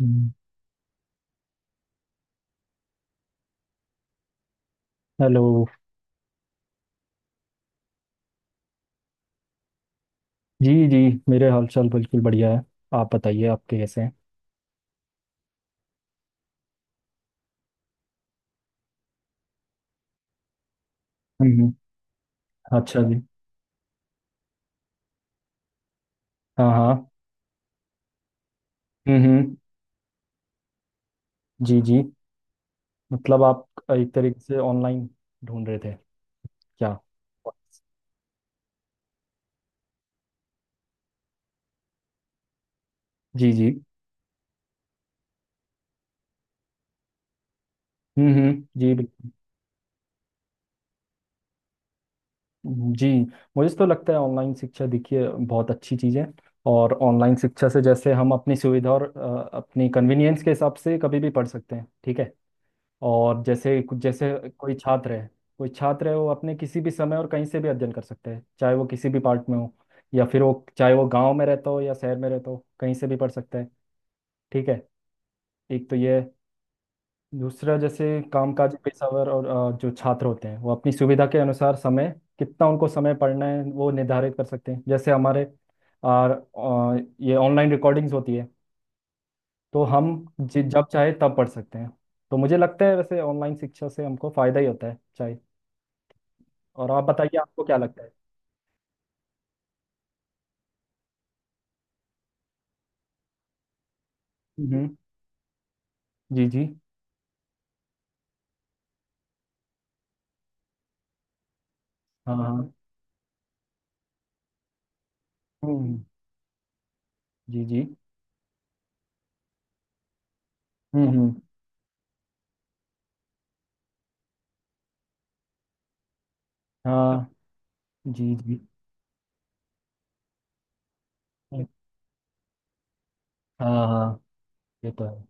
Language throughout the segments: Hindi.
हम्म। हेलो। जी, जी। मेरे हालचाल बिल्कुल बढ़िया है। आप बताइए आपके कैसे हैं? हम्म। अच्छा जी। हाँ, हाँ। हम्म, हम्म। जी, जी। मतलब आप एक तरीके से ऑनलाइन ढूंढ रहे थे क्या? जी, जी। हम्म, हम्म। जी। बिल्कुल जी। मुझे तो लगता है ऑनलाइन शिक्षा देखिए बहुत अच्छी चीज़ है। और ऑनलाइन शिक्षा से जैसे हम अपनी सुविधा और अपनी कन्वीनियंस के हिसाब से कभी भी पढ़ सकते हैं। ठीक है। और जैसे कुछ जैसे कोई छात्र है कोई छात्र है वो अपने किसी भी समय और कहीं से भी अध्ययन कर सकता है चाहे वो किसी भी पार्ट में हो। या फिर वो चाहे वो गांव में रहता हो या शहर में रहता हो कहीं से भी पढ़ सकता है। ठीक है। एक तो ये है। दूसरा जैसे कामकाजी पेशेवर और जो छात्र होते हैं वो अपनी सुविधा के अनुसार समय कितना उनको समय पढ़ना है वो निर्धारित कर सकते हैं। जैसे हमारे और ये ऑनलाइन रिकॉर्डिंग्स होती है तो हम जब चाहे तब पढ़ सकते हैं। तो मुझे लगता है वैसे ऑनलाइन शिक्षा से हमको फायदा ही होता है चाहे। और आप बताइए आपको क्या लगता है? हम्म। जी, जी। हाँ, हाँ। हम्म। जी, जी। हम्म, हम्म। हाँ। जी, जी। हाँ, हाँ। ये तो है।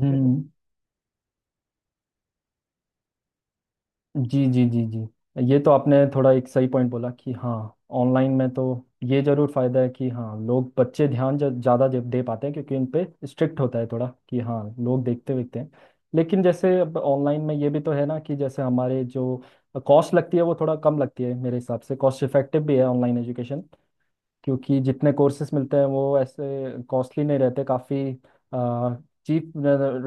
हम्म। जी, जी, जी, जी। ये तो आपने थोड़ा एक सही पॉइंट बोला कि हाँ ऑनलाइन में तो ये जरूर फायदा है कि हाँ लोग बच्चे ध्यान ज़्यादा दे दे पाते हैं क्योंकि उन पे स्ट्रिक्ट होता है थोड़ा कि हाँ लोग देखते देखते हैं। लेकिन जैसे अब ऑनलाइन में ये भी तो है ना कि जैसे हमारे जो कॉस्ट लगती है वो थोड़ा कम लगती है, मेरे हिसाब से कॉस्ट इफेक्टिव भी है ऑनलाइन एजुकेशन, क्योंकि जितने कोर्सेस मिलते हैं वो ऐसे कॉस्टली नहीं रहते, काफ़ी चीप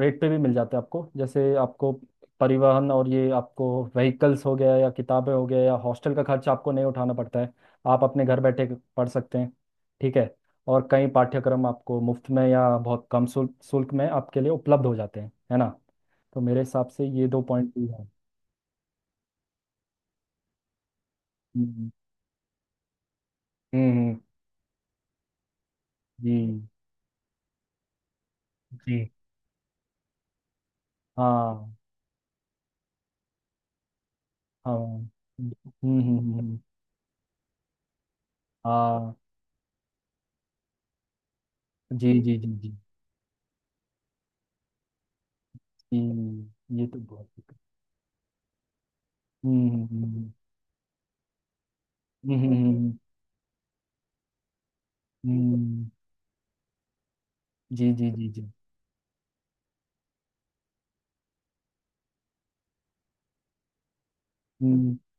रेट पे भी मिल जाते हैं आपको। जैसे आपको परिवहन और ये आपको व्हीकल्स हो गया या किताबें हो गया या हॉस्टल का खर्च आपको नहीं उठाना पड़ता है, आप अपने घर बैठे पढ़ सकते हैं। ठीक है। और कई पाठ्यक्रम आपको मुफ्त में या बहुत कम शुल्क शुल्क में आपके लिए उपलब्ध हो जाते हैं है ना। तो मेरे हिसाब से ये दो पॉइंट भी है। हम्म, हम्म। जी, जी। हाँ, हाँ। हम्म, हम्म, हम्म। हाँ। जी, जी, जी, जी, जी। ये तो बहुत दिक्कत। हम्म, हम्म, हम्म, हम्म। जी, जी, जी, जी। हम्म।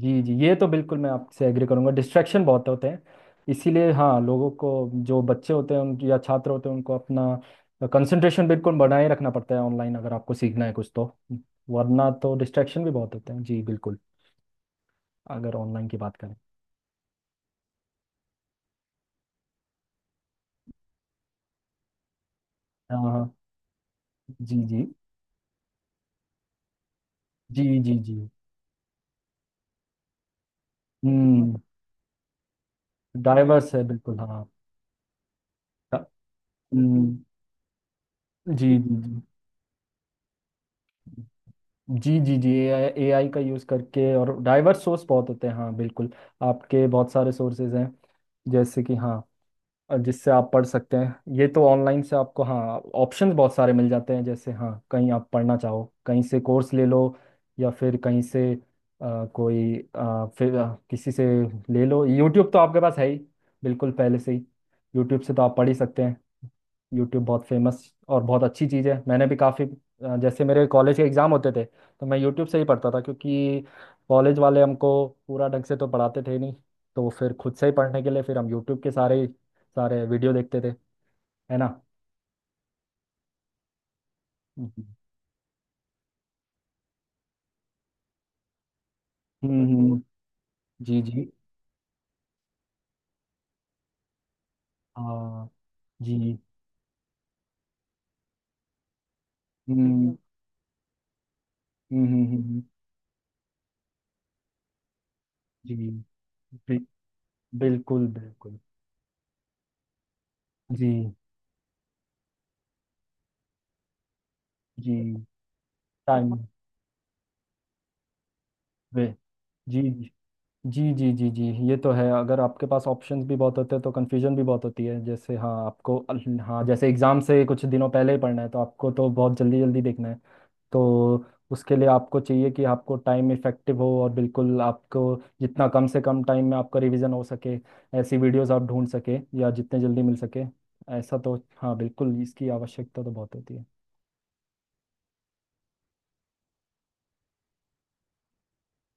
जी, जी। ये तो बिल्कुल मैं आपसे एग्री करूंगा, डिस्ट्रैक्शन बहुत होते हैं। इसीलिए हाँ लोगों को जो बच्चे होते हैं उन या छात्र होते हैं उनको अपना कंसंट्रेशन बिल्कुल बनाए रखना पड़ता है ऑनलाइन अगर आपको सीखना है कुछ तो। वरना तो डिस्ट्रैक्शन भी बहुत होते हैं जी बिल्कुल अगर ऑनलाइन की बात करें। हाँ, हाँ। जी, जी, जी, जी, जी। हम्म। डाइवर्स है बिल्कुल हाँ। हाँ। हम्म। जी, जी, जी, जी, जी, जी। AI का यूज़ करके और डाइवर्स सोर्स बहुत होते हैं, हाँ बिल्कुल। आपके बहुत सारे सोर्सेज हैं जैसे कि हाँ, और जिससे आप पढ़ सकते हैं। ये तो ऑनलाइन से आपको हाँ ऑप्शंस बहुत सारे मिल जाते हैं, जैसे हाँ कहीं आप पढ़ना चाहो कहीं से कोर्स ले लो या फिर कहीं से कोई फिर किसी से ले लो। यूट्यूब तो आपके पास है ही, बिल्कुल पहले से ही। यूट्यूब से तो आप पढ़ ही सकते हैं। यूट्यूब बहुत फेमस और बहुत अच्छी चीज़ है। मैंने भी काफ़ी, जैसे मेरे कॉलेज के एग्ज़ाम होते थे तो मैं यूट्यूब से ही पढ़ता था क्योंकि कॉलेज वाले हमको पूरा ढंग से तो पढ़ाते थे नहीं, तो फिर खुद से ही पढ़ने के लिए फिर हम यूट्यूब के सारे सारे वीडियो देखते थे, है ना। हम्म, हम्म। जी, जी। हाँ। जी। हम्म, हम्म, हम्म। हम्म। जी। बि, बिल्कुल बिल्कुल। जी, जी। टाइम वे। जी, जी, जी, जी, जी, जी। ये तो है, अगर आपके पास ऑप्शंस भी बहुत होते हैं तो कन्फ्यूजन भी बहुत होती है। जैसे हाँ आपको हाँ जैसे एग्ज़ाम से कुछ दिनों पहले ही पढ़ना है तो आपको तो बहुत जल्दी जल्दी देखना है। तो उसके लिए आपको चाहिए कि आपको टाइम इफेक्टिव हो और बिल्कुल आपको जितना कम से कम टाइम में आपका रिवीजन हो सके ऐसी वीडियोस आप ढूंढ सके, या जितने जल्दी मिल सके ऐसा तो, हाँ बिल्कुल इसकी आवश्यकता तो बहुत होती है।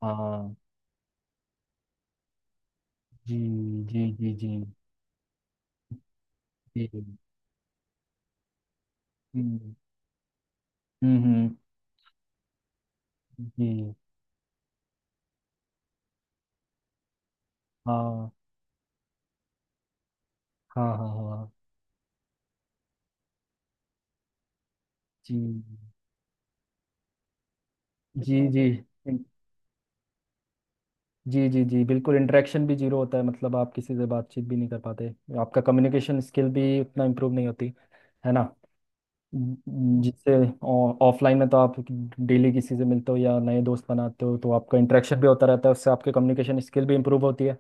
हाँ। जी, जी, जी, जी, जी। हम्म, हम्म, हम्म। जी। हाँ, हाँ, हाँ। हाँ। जी, जी, जी, जी, जी, जी। बिल्कुल इंटरेक्शन भी जीरो होता है, मतलब आप किसी से बातचीत भी नहीं कर पाते। आपका कम्युनिकेशन स्किल भी उतना इम्प्रूव नहीं होती, है ना। ज- जिससे ऑफलाइन में तो आप डेली किसी से मिलते हो या नए दोस्त बनाते हो तो आपका इंटरेक्शन भी होता रहता है, उससे आपके कम्युनिकेशन स्किल भी इम्प्रूव होती है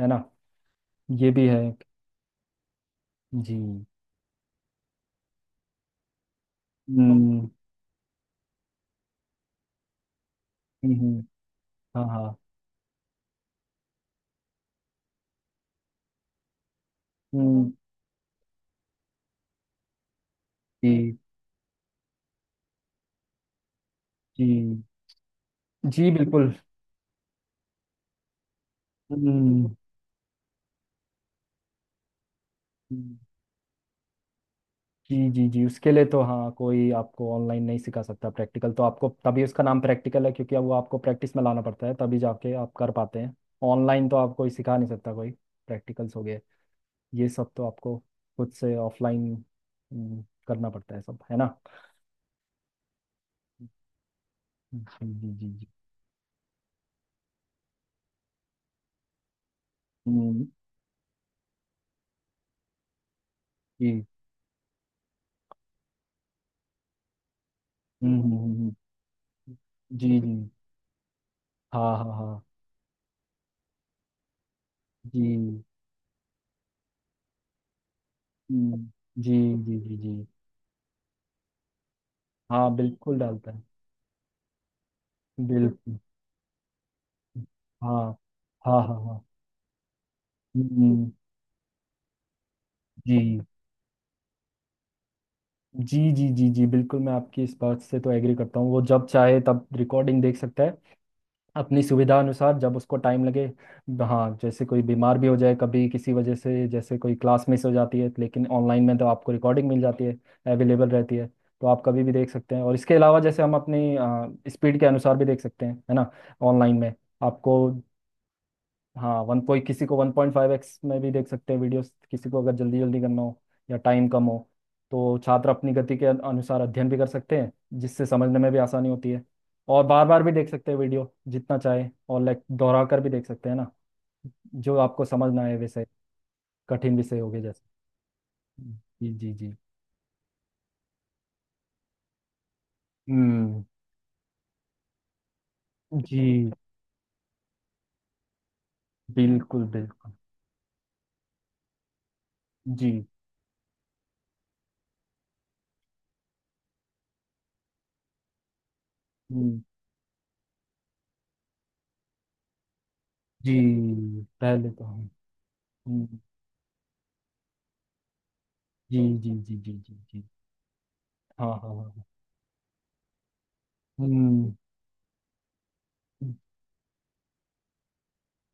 है ना। ये भी है। जी। हम्म, हम्म, हम्म। हाँ, हाँ। हम्म। जी, जी, जी बिल्कुल। हम्म। जी, जी, जी। उसके लिए तो हाँ कोई आपको ऑनलाइन नहीं सिखा सकता। प्रैक्टिकल तो आपको तभी उसका नाम प्रैक्टिकल है, क्योंकि अब वो आपको प्रैक्टिस में लाना पड़ता है तभी जाके आप कर पाते हैं। ऑनलाइन तो आपको सिखा नहीं सकता कोई, प्रैक्टिकल्स हो गए ये सब तो आपको खुद से ऑफलाइन करना पड़ता है सब, है ना। जी, जी, जी, जी। हम्म। जी। हम्म। जी, जी। हाँ, हाँ, हाँ। जी। हम्म। जी, जी, जी, जी। हाँ बिल्कुल डालता है। बिल्कुल। हाँ, हाँ, हाँ, हाँ। हम्म। जी, जी, जी, जी, जी बिल्कुल। मैं आपकी इस बात से तो एग्री करता हूँ, वो जब चाहे तब रिकॉर्डिंग देख सकता है अपनी सुविधा अनुसार जब उसको टाइम लगे। हाँ जैसे कोई बीमार भी हो जाए कभी किसी वजह से जैसे कोई क्लास मिस हो जाती है, लेकिन ऑनलाइन में तो आपको रिकॉर्डिंग मिल जाती है, अवेलेबल रहती है, तो आप कभी भी देख सकते हैं। और इसके अलावा जैसे हम अपनी स्पीड के अनुसार भी देख सकते हैं, है ना, ऑनलाइन में आपको, हाँ वन पॉइंट किसी को 1.5x में भी देख सकते हैं वीडियोस, किसी को अगर जल्दी जल्दी करना हो या टाइम कम हो तो छात्र अपनी गति के अनुसार अध्ययन भी कर सकते हैं जिससे समझने में भी आसानी होती है। और बार बार भी देख सकते हैं वीडियो जितना चाहे, और लाइक दोहरा कर भी देख सकते हैं ना जो आपको समझना है, वैसे कठिन विषय हो गए जैसे। जी, जी, जी। हम्म। जी बिल्कुल बिल्कुल। जी। हम्म। जी। पहले तो हम। हम्म। जी, जी, जी, जी, जी, जी। हाँ, हाँ, हाँ। हम्म।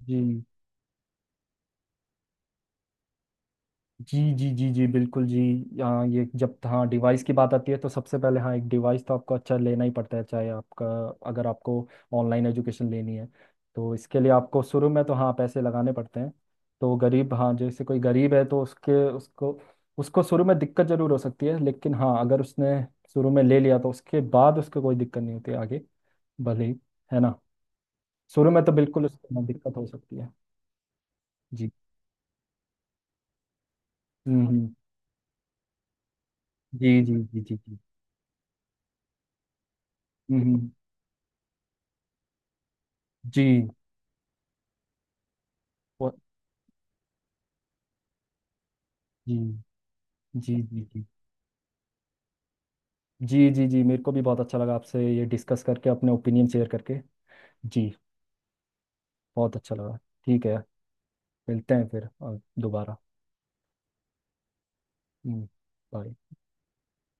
जी, जी, जी, जी, जी बिल्कुल जी। यहाँ ये जब तो हाँ डिवाइस की बात आती है तो सबसे पहले हाँ एक डिवाइस तो आपको अच्छा लेना ही पड़ता है चाहे आपका, अगर आपको ऑनलाइन एजुकेशन लेनी है तो इसके लिए आपको शुरू में तो हाँ पैसे लगाने पड़ते हैं। तो गरीब हाँ जैसे कोई गरीब है तो उसके उसको उसको शुरू में दिक्कत जरूर हो सकती है। लेकिन हाँ अगर उसने शुरू में ले लिया तो उसके बाद उसको कोई दिक्कत नहीं होती आगे, भले ही, है ना। शुरू में तो बिल्कुल उसको हाँ, दिक्कत हो सकती है। जी। हम्म, हम्म। जी, जी, जी, जी, जी। हम्म, हम्म। जी। वो- जी, जी, जी, जी, जी, जी। जी मेरे को भी बहुत अच्छा लगा आपसे ये डिस्कस करके अपने ओपिनियन शेयर करके। जी, बहुत अच्छा लगा। ठीक है। मिलते हैं फिर दोबारा। हम्म। बाय।